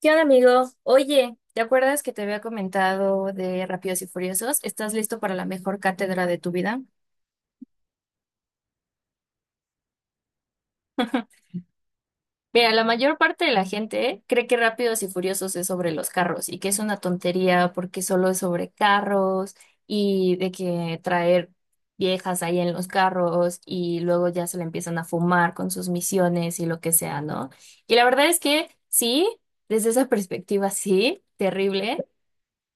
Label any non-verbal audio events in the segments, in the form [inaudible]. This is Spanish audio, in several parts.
¿Qué onda, amigo? Oye, ¿te acuerdas que te había comentado de Rápidos y Furiosos? ¿Estás listo para la mejor cátedra de tu vida? Mira, la mayor parte de la gente cree que Rápidos y Furiosos es sobre los carros y que es una tontería porque solo es sobre carros y de que traer viejas ahí en los carros y luego ya se le empiezan a fumar con sus misiones y lo que sea, ¿no? Y la verdad es que sí, desde esa perspectiva sí, terrible.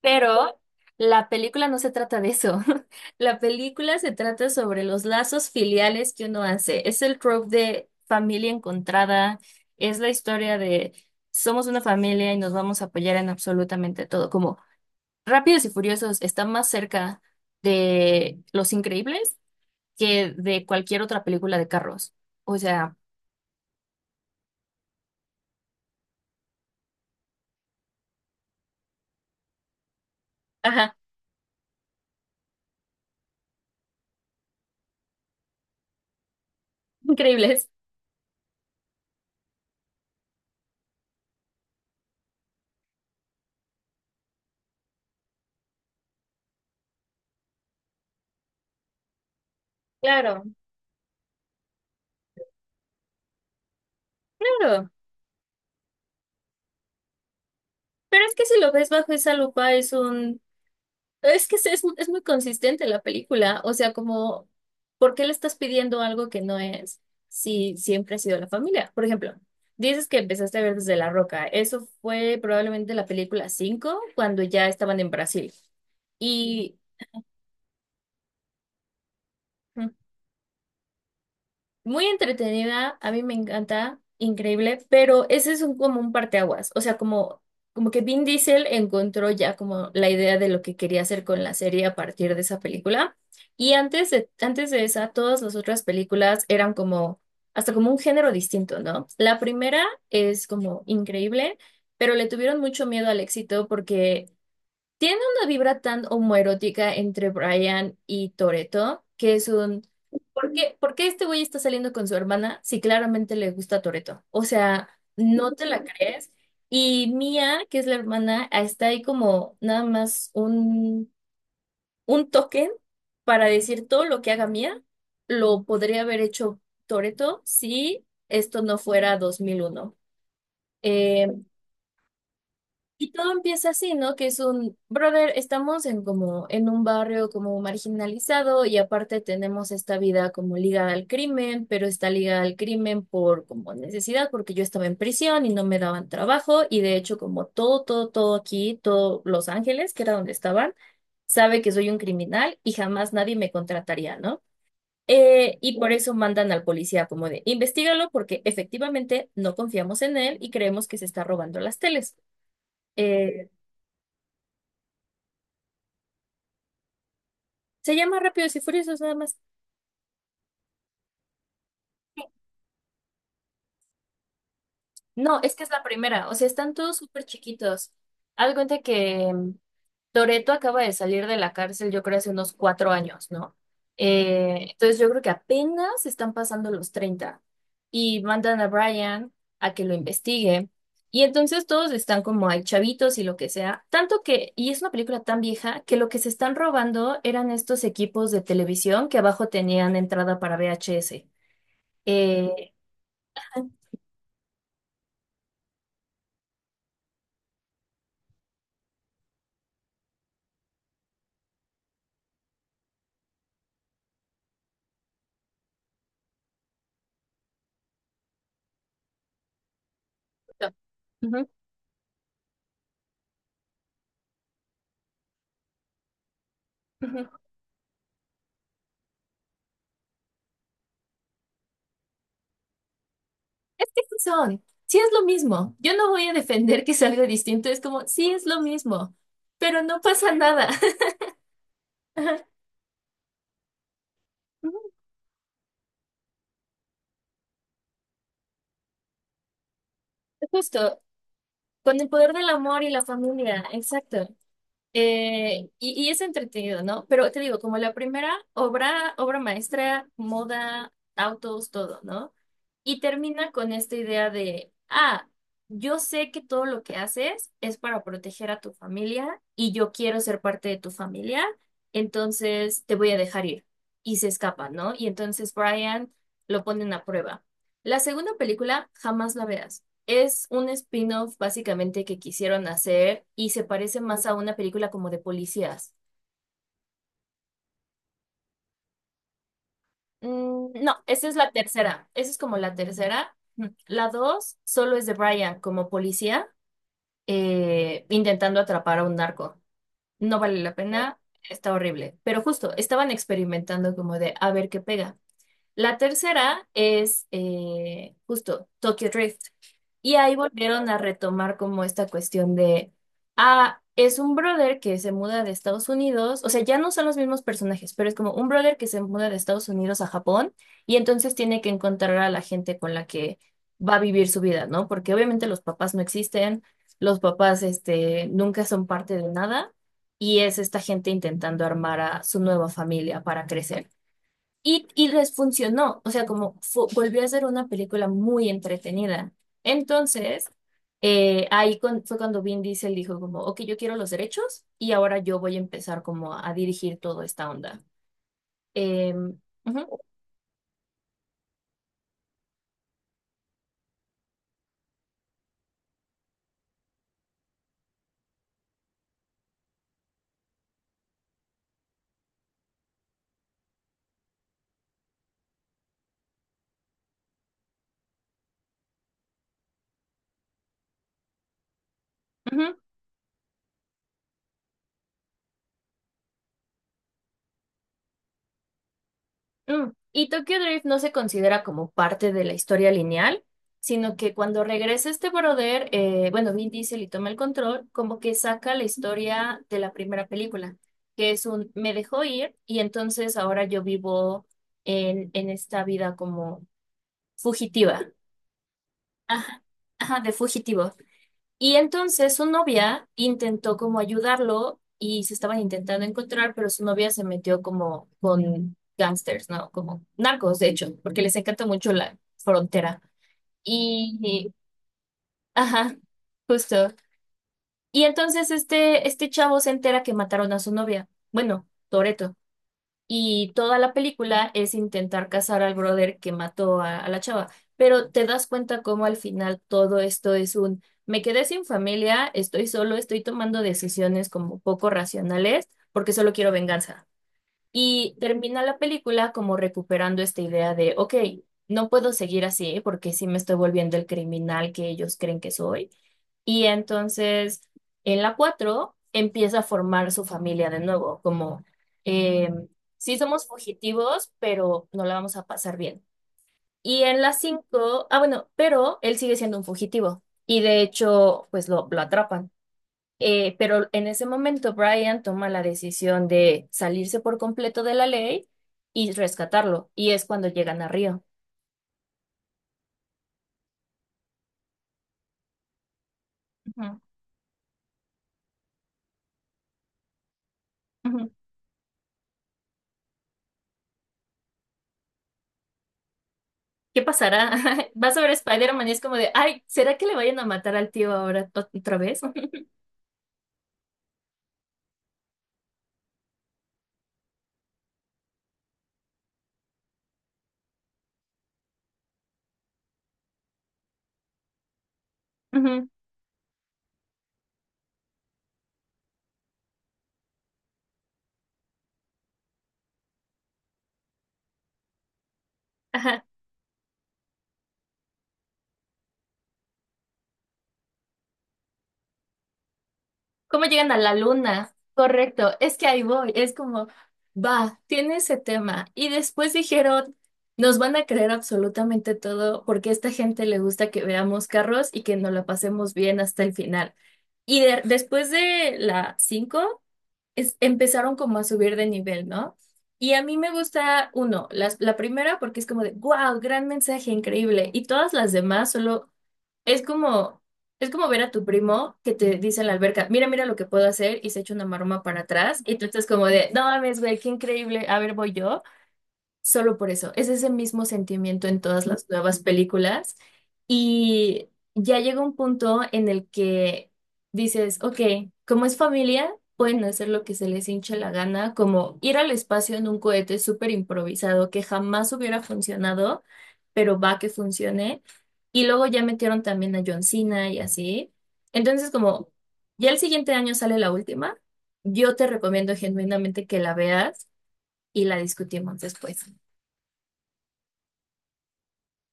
Pero la película no se trata de eso. [laughs] La película se trata sobre los lazos filiales que uno hace. Es el trope de familia encontrada, es la historia de somos una familia y nos vamos a apoyar en absolutamente todo. Como Rápidos y Furiosos está más cerca de Los Increíbles que de cualquier otra película de carros. O sea, ajá, [laughs] increíbles. Claro, claro. Pero es que si lo ves bajo esa lupa es que es muy consistente la película, o sea, como, ¿por qué le estás pidiendo algo que no es si siempre ha sido la familia? Por ejemplo, dices que empezaste a ver desde La Roca, eso fue probablemente la película 5 cuando ya estaban en Brasil. Y muy entretenida, a mí me encanta, increíble, pero ese es un, como un parteaguas, o sea, como, que Vin Diesel encontró ya como la idea de lo que quería hacer con la serie a partir de esa película, y antes de esa, todas las otras películas eran como, hasta como un género distinto, ¿no? La primera es como increíble, pero le tuvieron mucho miedo al éxito porque tiene una vibra tan homoerótica entre Brian y Toretto, que es un... ¿Por qué este güey está saliendo con su hermana si claramente le gusta Toretto? O sea, no te la crees. Y Mia, que es la hermana, está ahí como nada más un token para decir todo lo que haga Mia, lo podría haber hecho Toretto si esto no fuera 2001. Eh, y todo empieza así, ¿no? Que es un, brother, estamos en como en un barrio como marginalizado y aparte tenemos esta vida como ligada al crimen, pero está ligada al crimen por como necesidad, porque yo estaba en prisión y no me daban trabajo y de hecho como todo, todo, todo aquí, todo Los Ángeles, que era donde estaban, sabe que soy un criminal y jamás nadie me contrataría, ¿no? Y por eso mandan al policía como de, investígalo porque efectivamente no confiamos en él y creemos que se está robando las teles. Eh, Se llama Rápidos y Furiosos nada más. No, es que es la primera. O sea, están todos súper chiquitos. Haz de cuenta que Toretto acaba de salir de la cárcel, yo creo, hace unos 4 años, ¿no? Entonces yo creo que apenas están pasando los 30 y mandan a Brian a que lo investigue. Y entonces todos están como hay chavitos y lo que sea. Tanto que, y es una película tan vieja, que lo que se están robando eran estos equipos de televisión que abajo tenían entrada para VHS. Eh, Ujú, ujú. Es que sí son, sí es lo mismo. Yo no voy a defender que es algo distinto, es como, sí es lo mismo, pero no pasa nada. [laughs] Ajá, ujú, justo, con el poder del amor y la familia, exacto. Y es entretenido, ¿no? Pero te digo, como la primera obra, obra maestra, moda, autos, todo, ¿no? Y termina con esta idea de, ah, yo sé que todo lo que haces es para proteger a tu familia y yo quiero ser parte de tu familia, entonces te voy a dejar ir. Y se escapa, ¿no? Y entonces Brian lo ponen a prueba. La segunda película, jamás la veas. Es un spin-off básicamente que quisieron hacer y se parece más a una película como de policías. Mm, no, esa es la tercera. Esa es como la tercera. Mm. La dos solo es de Brian como policía intentando atrapar a un narco. No vale la pena, está horrible. Pero justo, estaban experimentando como de a ver qué pega. La tercera es justo Tokyo Drift. Y ahí volvieron a retomar como esta cuestión de, ah, es un brother que se muda de Estados Unidos, o sea, ya no son los mismos personajes, pero es como un brother que se muda de Estados Unidos a Japón y entonces tiene que encontrar a la gente con la que va a vivir su vida, ¿no? Porque obviamente los papás no existen, los papás, nunca son parte de nada y es esta gente intentando armar a su nueva familia para crecer. Y les funcionó, o sea, como volvió a ser una película muy entretenida. Entonces, ahí fue cuando Vin Diesel dijo como, ok, yo quiero los derechos y ahora yo voy a empezar como a, dirigir toda esta onda. Em, Ujú, ujú. Y Tokyo Drift no se considera como parte de la historia lineal, sino que cuando regresa este brother, bueno, Vin Diesel y toma el control, como que saca la historia de la primera película, que es un me dejó ir y entonces ahora yo vivo en, esta vida como fugitiva. Ajá, ajá, de fugitivo. Y entonces su novia intentó como ayudarlo y se estaban intentando encontrar, pero su novia se metió como con gangsters, ¿no? Como narcos, de hecho, porque les encanta mucho la frontera. Y, y- ajá, justo. Y entonces este, chavo se entera que mataron a su novia. Bueno, Toreto. Y toda la película es intentar cazar al brother que mató a la chava. Pero te das cuenta cómo al final todo esto es un, me quedé sin familia, estoy solo, estoy tomando decisiones como poco racionales porque solo quiero venganza. Y termina la película como recuperando esta idea de, ok, no puedo seguir así porque sí me estoy volviendo el criminal que ellos creen que soy. Y entonces en la 4 empieza a formar su familia de nuevo, como eh, sí somos fugitivos, pero no la vamos a pasar bien. Y en la 5 ah bueno, pero él sigue siendo un fugitivo y de hecho pues lo atrapan. Pero en ese momento Brian toma la decisión de salirse por completo de la ley y rescatarlo, y es cuando llegan a Río. Ujú, ujú. ¿Qué pasará? [laughs] Vas a ver Spider-Man y es como de, ay, ¿será que le vayan a matar al tío ahora otra vez? [laughs] Ujú, ajá. ¿Cómo llegan a la luna? Correcto, es que ahí voy, es como, va, tiene ese tema. Y después dijeron, nos van a creer absolutamente todo porque a esta gente le gusta que veamos carros y que nos la pasemos bien hasta el final. Y después de la 5 empezaron como a subir de nivel, ¿no? Y a mí me gusta uno, la primera porque es como de, wow, gran mensaje, increíble. Y todas las demás solo es como, es como ver a tu primo que te dice en la alberca, mira, mira lo que puedo hacer y se echa una maroma para atrás. Y tú estás como de, no mames, güey, qué increíble, a ver, voy yo. Solo por eso, es ese mismo sentimiento en todas las nuevas películas y ya llega un punto en el que dices, ok, como es familia, pueden hacer lo que se les hinche la gana, como ir al espacio en un cohete súper improvisado que jamás hubiera funcionado, pero va que funcione. Y luego ya metieron también a John Cena y así. Entonces, como ya el siguiente año sale la última, yo te recomiendo genuinamente que la veas y la discutimos después.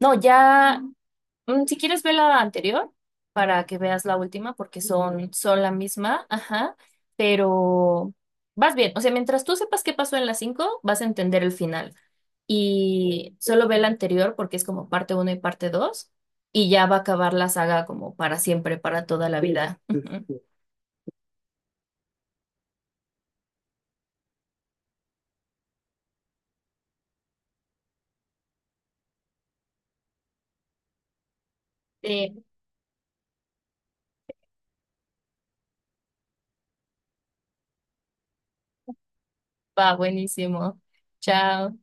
No, ya, si quieres ver la anterior para que veas la última, porque son, la misma, ajá, pero vas bien. O sea, mientras tú sepas qué pasó en las cinco, vas a entender el final. Y solo ve la anterior porque es como parte uno y parte dos, y ya va a acabar la saga como para siempre, para toda la vida. [laughs] Sí, va buenísimo. Chao.